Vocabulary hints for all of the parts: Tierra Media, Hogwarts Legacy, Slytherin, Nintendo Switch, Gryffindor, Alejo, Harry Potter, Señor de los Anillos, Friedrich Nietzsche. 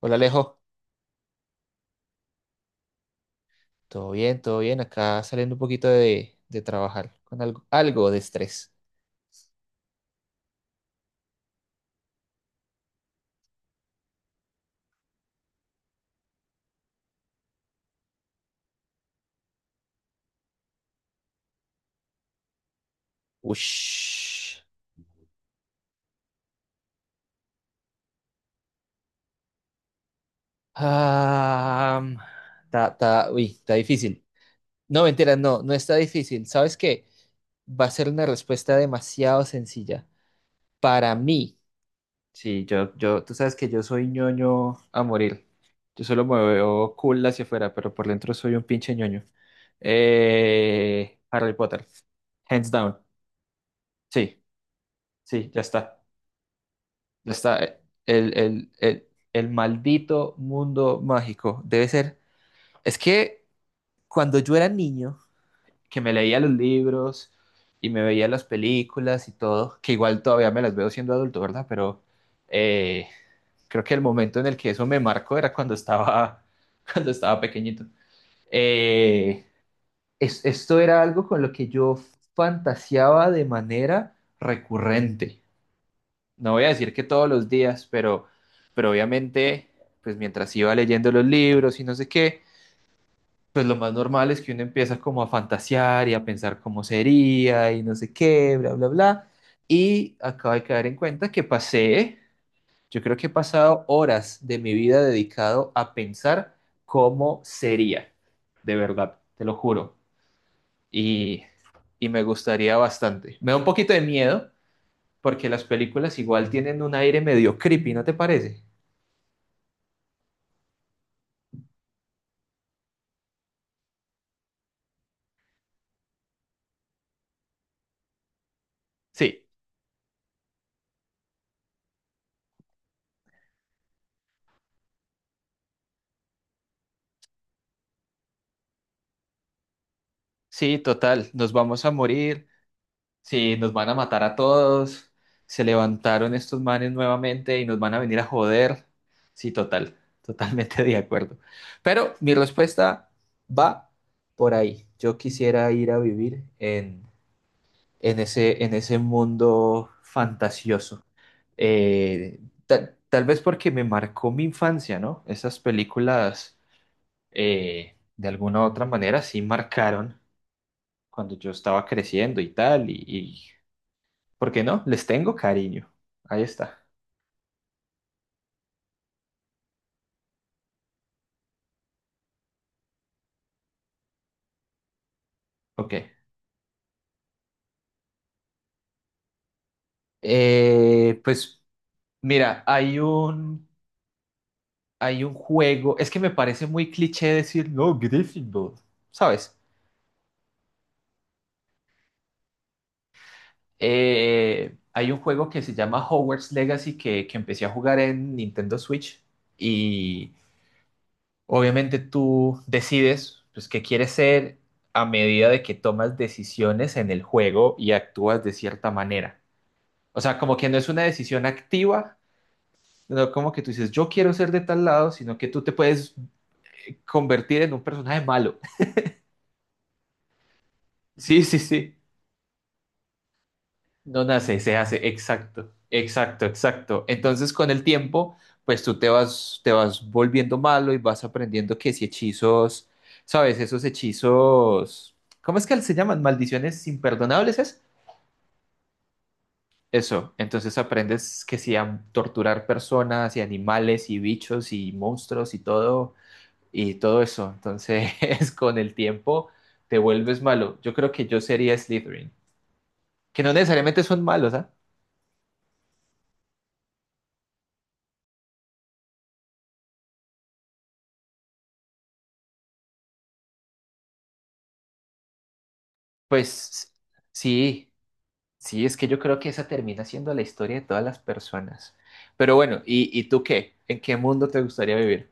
Hola Alejo, todo bien, acá saliendo un poquito de trabajar con algo, algo de estrés. Ush. Ah, mm, Uy, está difícil. No, mentira, no, no está difícil. ¿Sabes qué? Va a ser una respuesta demasiado sencilla. Para mí, sí, yo, tú sabes que yo soy ñoño a morir. Yo solo me veo cool hacia afuera, pero por dentro soy un pinche ñoño. Harry Potter, hands down. Sí, sí, ya está. Está el maldito mundo mágico. Debe ser. Es que cuando yo era niño, que me leía los libros y me veía las películas y todo, que igual todavía me las veo siendo adulto, ¿verdad? Pero eh, creo que el momento en el que eso me marcó era cuando estaba, cuando estaba pequeñito. Eh, Esto era algo con lo que yo fantaseaba de manera recurrente, no voy a decir que todos los días, pero obviamente, pues mientras iba leyendo los libros y no sé qué, pues lo más normal es que uno empieza como a fantasear y a pensar cómo sería y no sé qué, bla, bla, bla. Y acabo de caer en cuenta que pasé, yo creo que he pasado horas de mi vida dedicado a pensar cómo sería, de verdad, te lo juro. Y, y me gustaría bastante. Me da un poquito de miedo porque las películas igual tienen un aire medio creepy, ¿no te parece? Sí, sí, total, nos vamos a morir, sí, nos van a matar a todos, se levantaron estos manes nuevamente y nos van a venir a joder. Sí, total, totalmente de acuerdo. Pero mi respuesta va por ahí. Yo quisiera ir a vivir en ese mundo fantasioso. Eh, Tal vez porque me marcó mi infancia, ¿no? Esas películas, de alguna u otra manera, sí marcaron cuando yo estaba creciendo y tal, y ¿por qué no? Les tengo cariño. Ahí está. Ok. Pues mira, hay un juego, es que me parece muy cliché decir, no, Gryffindor, ¿sabes? Hay un juego que se llama Hogwarts Legacy que empecé a jugar en Nintendo Switch y obviamente tú decides pues, qué quieres ser a medida de que tomas decisiones en el juego y actúas de cierta manera. O sea, como que no es una decisión activa, no como que tú dices, yo quiero ser de tal lado, sino que tú te puedes convertir en un personaje malo. Sí, sí, sí. No nace, se hace. Exacto, exacto, exacto. Entonces, con el tiempo, pues tú te vas volviendo malo y vas aprendiendo que si hechizos, ¿sabes? Esos hechizos, ¿cómo es que se llaman? Maldiciones imperdonables, ¿es? Eso. Entonces aprendes que si a torturar personas y animales y bichos y monstruos y todo eso. Entonces, con el tiempo te vuelves malo. Yo creo que yo sería Slytherin, que no necesariamente son malos, ¿ah? Pues sí, sí, es que yo creo que esa termina siendo la historia de todas las personas. Pero bueno, y tú qué? ¿En qué mundo te gustaría vivir?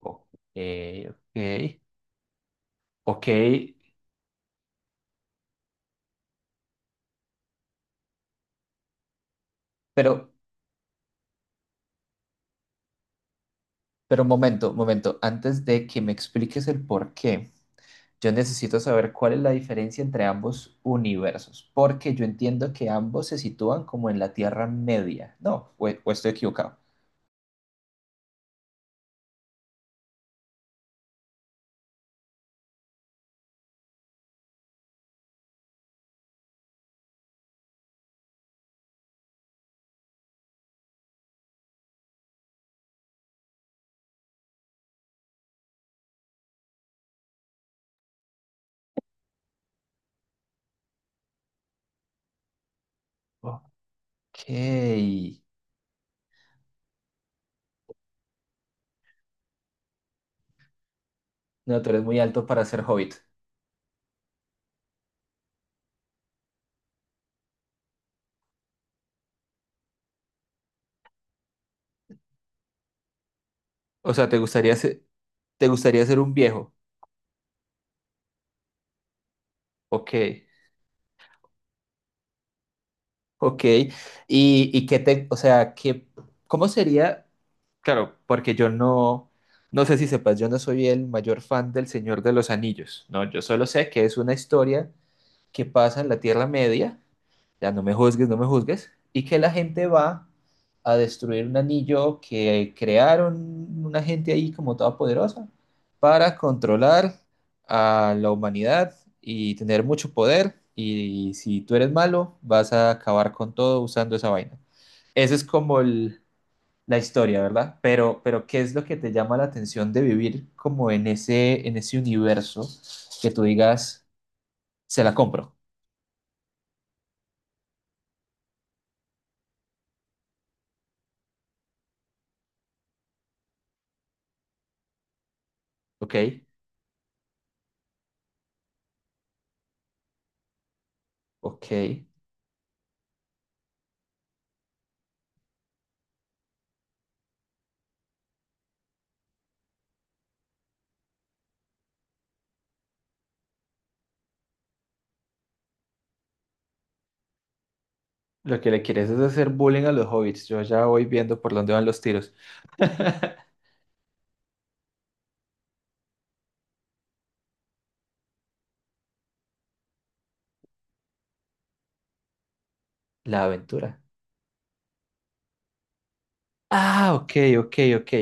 Ok, ok, ok. Pero, pero momento, momento, antes de que me expliques el por qué, yo necesito saber cuál es la diferencia entre ambos universos, porque yo entiendo que ambos se sitúan como en la Tierra Media. No, o estoy equivocado. Ok. No, tú eres muy alto para ser hobbit. O sea, te gustaría ser un viejo? Ok, ok. Y qué te, o sea, qué, cómo sería? Claro, porque yo no, no sé si sepas, yo no soy el mayor fan del Señor de los Anillos. No, yo solo sé que es una historia que pasa en la Tierra Media, ya no me juzgues, no me juzgues, y que la gente va a destruir un anillo que crearon una gente ahí como toda poderosa para controlar a la humanidad y tener mucho poder. Y si tú eres malo, vas a acabar con todo usando esa vaina. Esa es como la historia, ¿verdad? Pero ¿qué es lo que te llama la atención de vivir como en ese universo que tú digas, se la compro, ¿ok? Ok. Lo que le quieres es hacer bullying a los hobbits. Yo ya voy viendo por dónde van los tiros. La aventura. Ah, ok, ok, ok.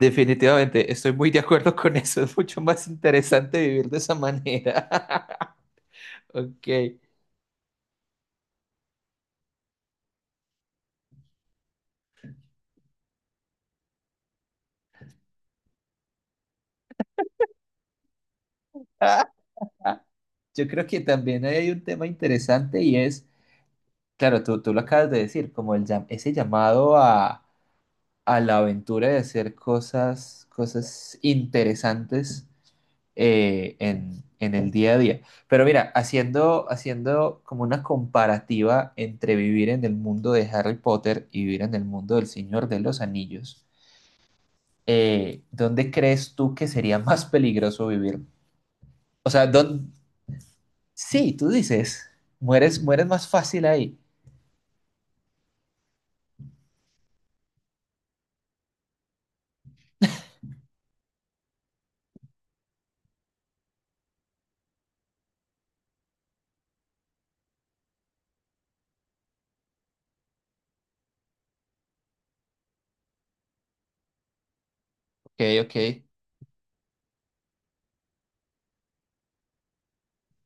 Definitivamente, estoy muy de acuerdo con eso. Es mucho más interesante vivir de esa manera. Ok. Yo creo que también hay un tema interesante y es, claro, tú lo acabas de decir, como ese llamado a la aventura de hacer cosas, cosas interesantes en el día a día. Pero mira, haciendo, haciendo como una comparativa entre vivir en el mundo de Harry Potter y vivir en el mundo del Señor de los Anillos, ¿dónde crees tú que sería más peligroso vivir? O sea, ¿dónde... sí, tú dices, mueres, mueres más fácil ahí. Ok, ok,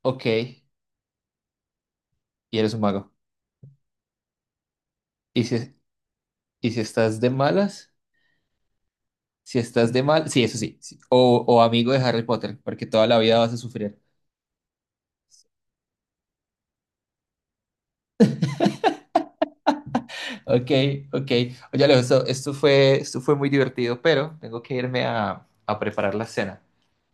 ok, y eres un mago. ¿Y si, y si estás de malas? Si estás de mal, sí, eso sí, sí. O amigo de Harry Potter, porque toda la vida vas a sufrir. Ok, ok. Oye, Alejo, esto, esto fue muy divertido, pero tengo que irme a preparar la cena.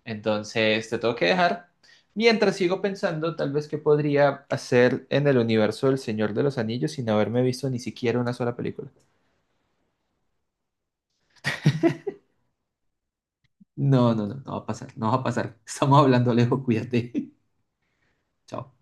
Entonces, te tengo que dejar. Mientras sigo pensando, tal vez qué podría hacer en el universo del Señor de los Anillos sin haberme visto ni siquiera una sola película. No, no, no, no va a pasar, no va a pasar. Estamos hablando, Alejo, cuídate. Chao.